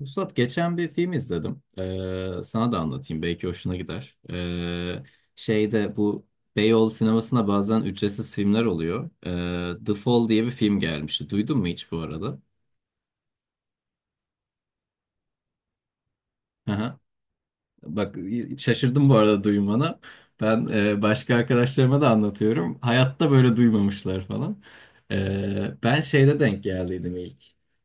Vuslat geçen bir film izledim. Sana da anlatayım belki hoşuna gider. Şeyde bu Beyoğlu sinemasına bazen ücretsiz filmler oluyor. The Fall diye bir film gelmişti. Duydun mu hiç bu arada? Bak, şaşırdım bu arada duymana. Ben başka arkadaşlarıma da anlatıyorum. Hayatta böyle duymamışlar falan. Ben şeyde denk geldiydim ilk.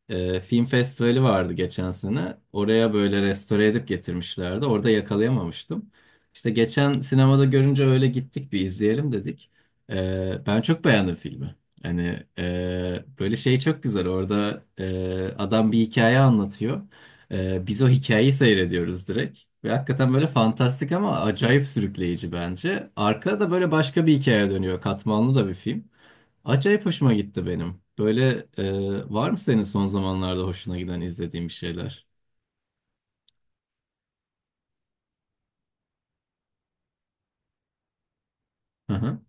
Film festivali vardı geçen sene. Oraya böyle restore edip getirmişlerdi. Orada yakalayamamıştım. İşte geçen sinemada görünce öyle gittik, bir izleyelim dedik. Ben çok beğendim filmi. Hani böyle şey çok güzel. Orada adam bir hikaye anlatıyor. Biz o hikayeyi seyrediyoruz direkt. Ve hakikaten böyle fantastik ama acayip sürükleyici bence. Arkada da böyle başka bir hikaye dönüyor. Katmanlı da bir film. Acayip hoşuma gitti benim. Böyle, var mı senin son zamanlarda hoşuna giden izlediğin bir şeyler? Hı hı. Hı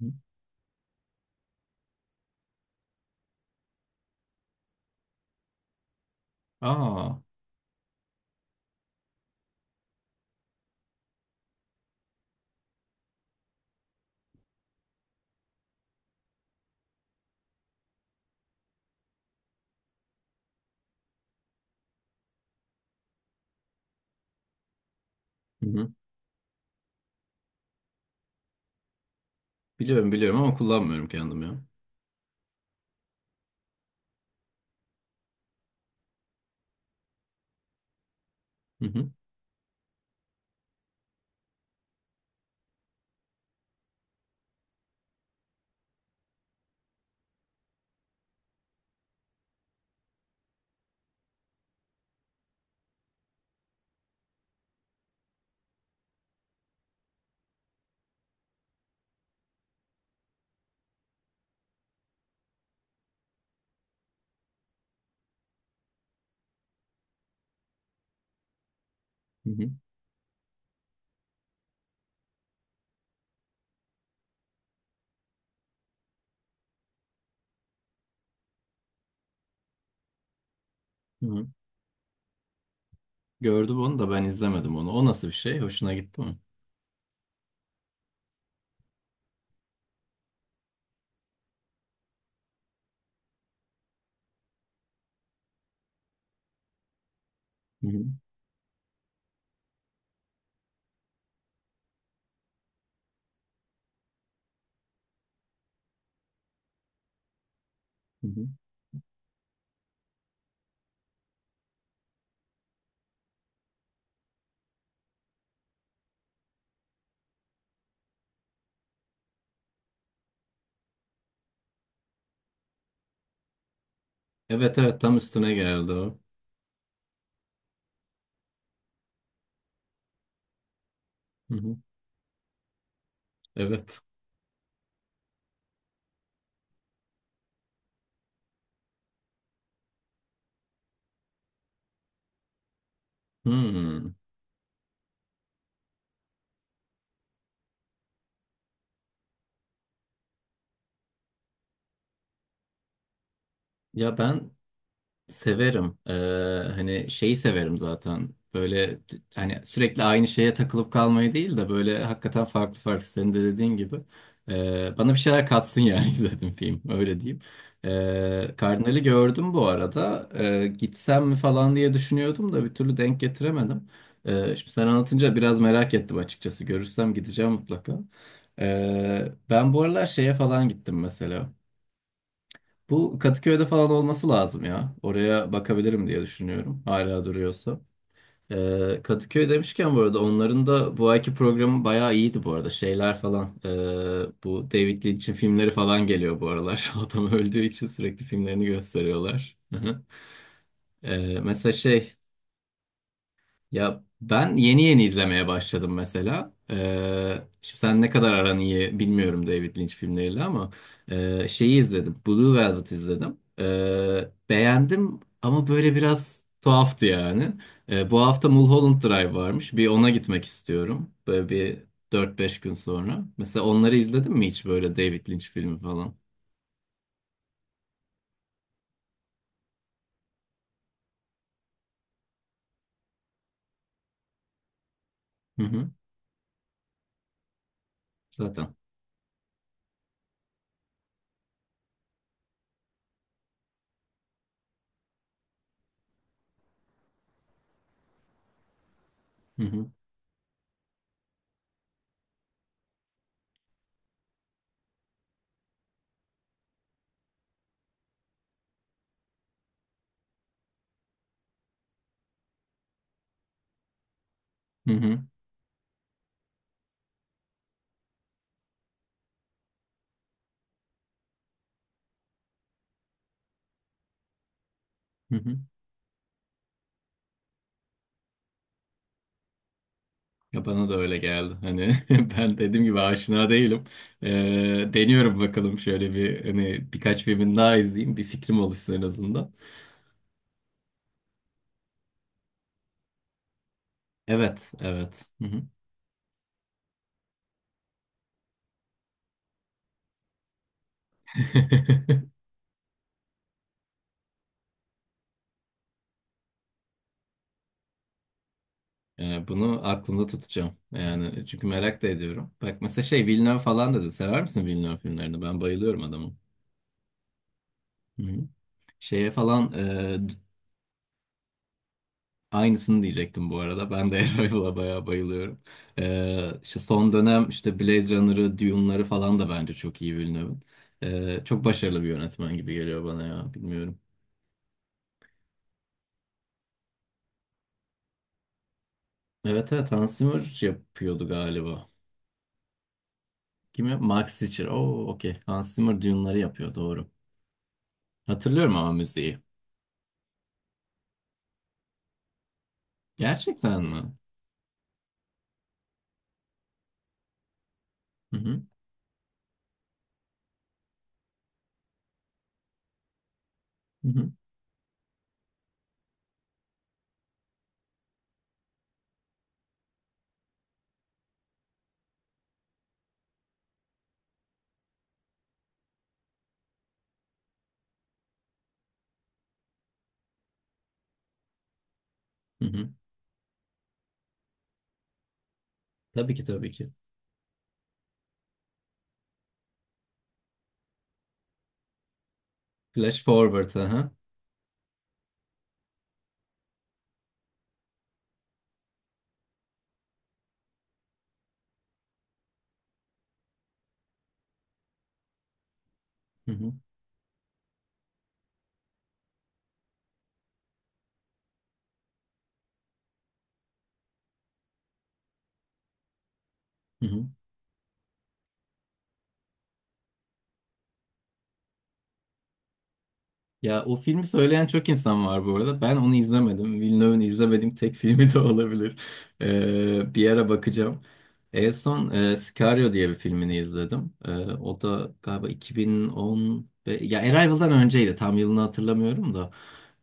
hı. Aa. Hı hı. Biliyorum, biliyorum ama kullanmıyorum kendim ya. Hı hı. Hı hı. Hı hı. Gördüm onu, da ben izlemedim onu. O nasıl bir şey? Hoşuna gitti mi? Hı hı. Hı hı. Evet, evet, tam üstüne geldi o. Hı hı. Evet. Hmm. Ya ben severim. Hani şeyi severim zaten. Böyle hani sürekli aynı şeye takılıp kalmayı değil de böyle hakikaten farklı farklı, senin de dediğin gibi. Bana bir şeyler katsın yani. izledim film, öyle diyeyim. Kardinal'i gördüm bu arada. Gitsem mi falan diye düşünüyordum da bir türlü denk getiremedim. Şimdi sen anlatınca biraz merak ettim açıkçası. Görürsem gideceğim mutlaka. Ben bu aralar şeye falan gittim mesela. Bu Kadıköy'de falan olması lazım ya. Oraya bakabilirim diye düşünüyorum. Hala duruyorsa. Kadıköy demişken bu arada onların da bu ayki programı bayağı iyiydi bu arada. Şeyler falan. Bu David Lynch'in filmleri falan geliyor bu aralar. Adam öldüğü için sürekli filmlerini gösteriyorlar. Hı hı. Mesela şey ya ben yeni yeni izlemeye başladım mesela. Şimdi sen ne kadar aran iyi bilmiyorum David Lynch filmleriyle ama şeyi izledim. Blue Velvet izledim. Beğendim ama böyle biraz tuhaftı yani. Bu hafta Mulholland Drive varmış. Bir ona gitmek istiyorum. Böyle bir dört beş gün sonra. Mesela onları izledin mi hiç, böyle David Lynch filmi falan? Hı hı. Zaten. Hı hı. Hı hı. Hı hı. Ya bana da öyle geldi. Hani, ben dediğim gibi aşina değilim. Ee, Deniyorum bakalım, şöyle bir hani birkaç filmin daha izleyeyim. Bir fikrim oluşsun en azından. Evet, evet. Hı hı. Yani bunu aklımda tutacağım. Yani çünkü merak da ediyorum. Bak mesela şey Villeneuve falan dedi. Sever misin Villeneuve filmlerini? Ben bayılıyorum adamı. Hı hı. Şeye falan e, Aynısını diyecektim bu arada. Ben de Arrival'a bayağı bayılıyorum. İşte son dönem işte Blade Runner'ı, Dune'ları falan da bence çok iyi Villeneuve'ın. Çok başarılı bir yönetmen gibi geliyor bana ya. Bilmiyorum. Evet, evet, Hans Zimmer yapıyordu galiba. Kimi? Max Richter. Oo, okey. Hans Zimmer Dune'ları yapıyor, doğru. Hatırlıyorum ama müziği. Gerçekten mi? Hı hı. Hı hı. Hı hı. Tabii ki, tabii ki. Flash Forward. Aha. Hı hı. Hı hı. Ya o filmi söyleyen çok insan var bu arada. Ben onu izlemedim. Villeneuve'un izlemediğim tek filmi de olabilir. Bir ara bakacağım. En son Sicario diye bir filmini izledim. O da galiba 2010... Ya Arrival'dan önceydi. Tam yılını hatırlamıyorum da.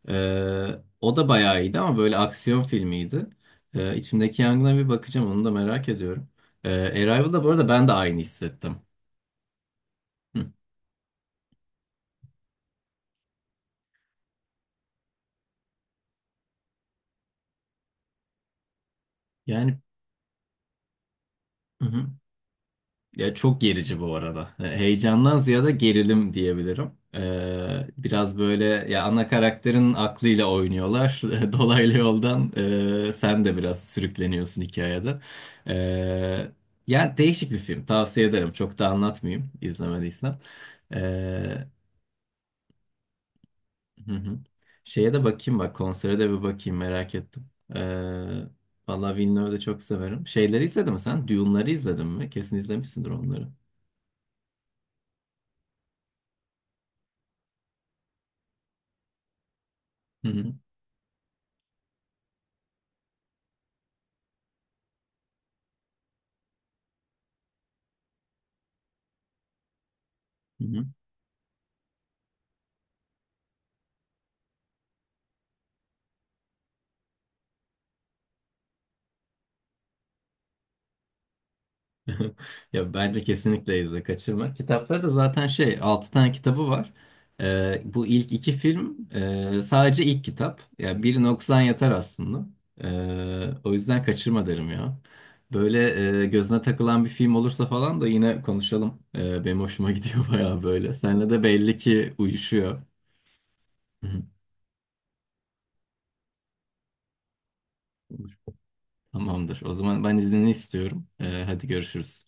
O da bayağı iyiydi ama böyle aksiyon filmiydi. İçimdeki Yangın'a bir bakacağım. Onu da merak ediyorum. Arrival'da bu arada ben de aynı hissettim. Hı. Yani... Hı hı. Ya çok gerici bu arada. Heyecandan ziyade gerilim diyebilirim. Biraz böyle ya, ana karakterin aklıyla oynuyorlar. Dolaylı yoldan sen de biraz sürükleniyorsun hikayede. E, Yani değişik bir film. Tavsiye ederim. Çok da anlatmayayım, izlemediysen. E, hı hı. Şeye de bakayım bak. Konsere de bir bakayım, merak ettim. E, Valla Villeneuve'ü de çok severim. Şeyleri izledin mi sen? Dune'ları izledin mi? Kesin izlemişsindir onları. Hı hı. Hı hı. Ya bence kesinlikle izle, kaçırma. Kitapları da zaten şey, 6 tane kitabı var. Bu ilk iki film sadece ilk kitap. Yani birini okusan yeter aslında. O yüzden kaçırma derim ya. Böyle gözüne takılan bir film olursa falan da yine konuşalım. Benim hoşuma gidiyor bayağı böyle. Seninle de belli ki uyuşuyor. Hı hı. Tamamdır. O zaman ben iznini istiyorum. Hadi görüşürüz.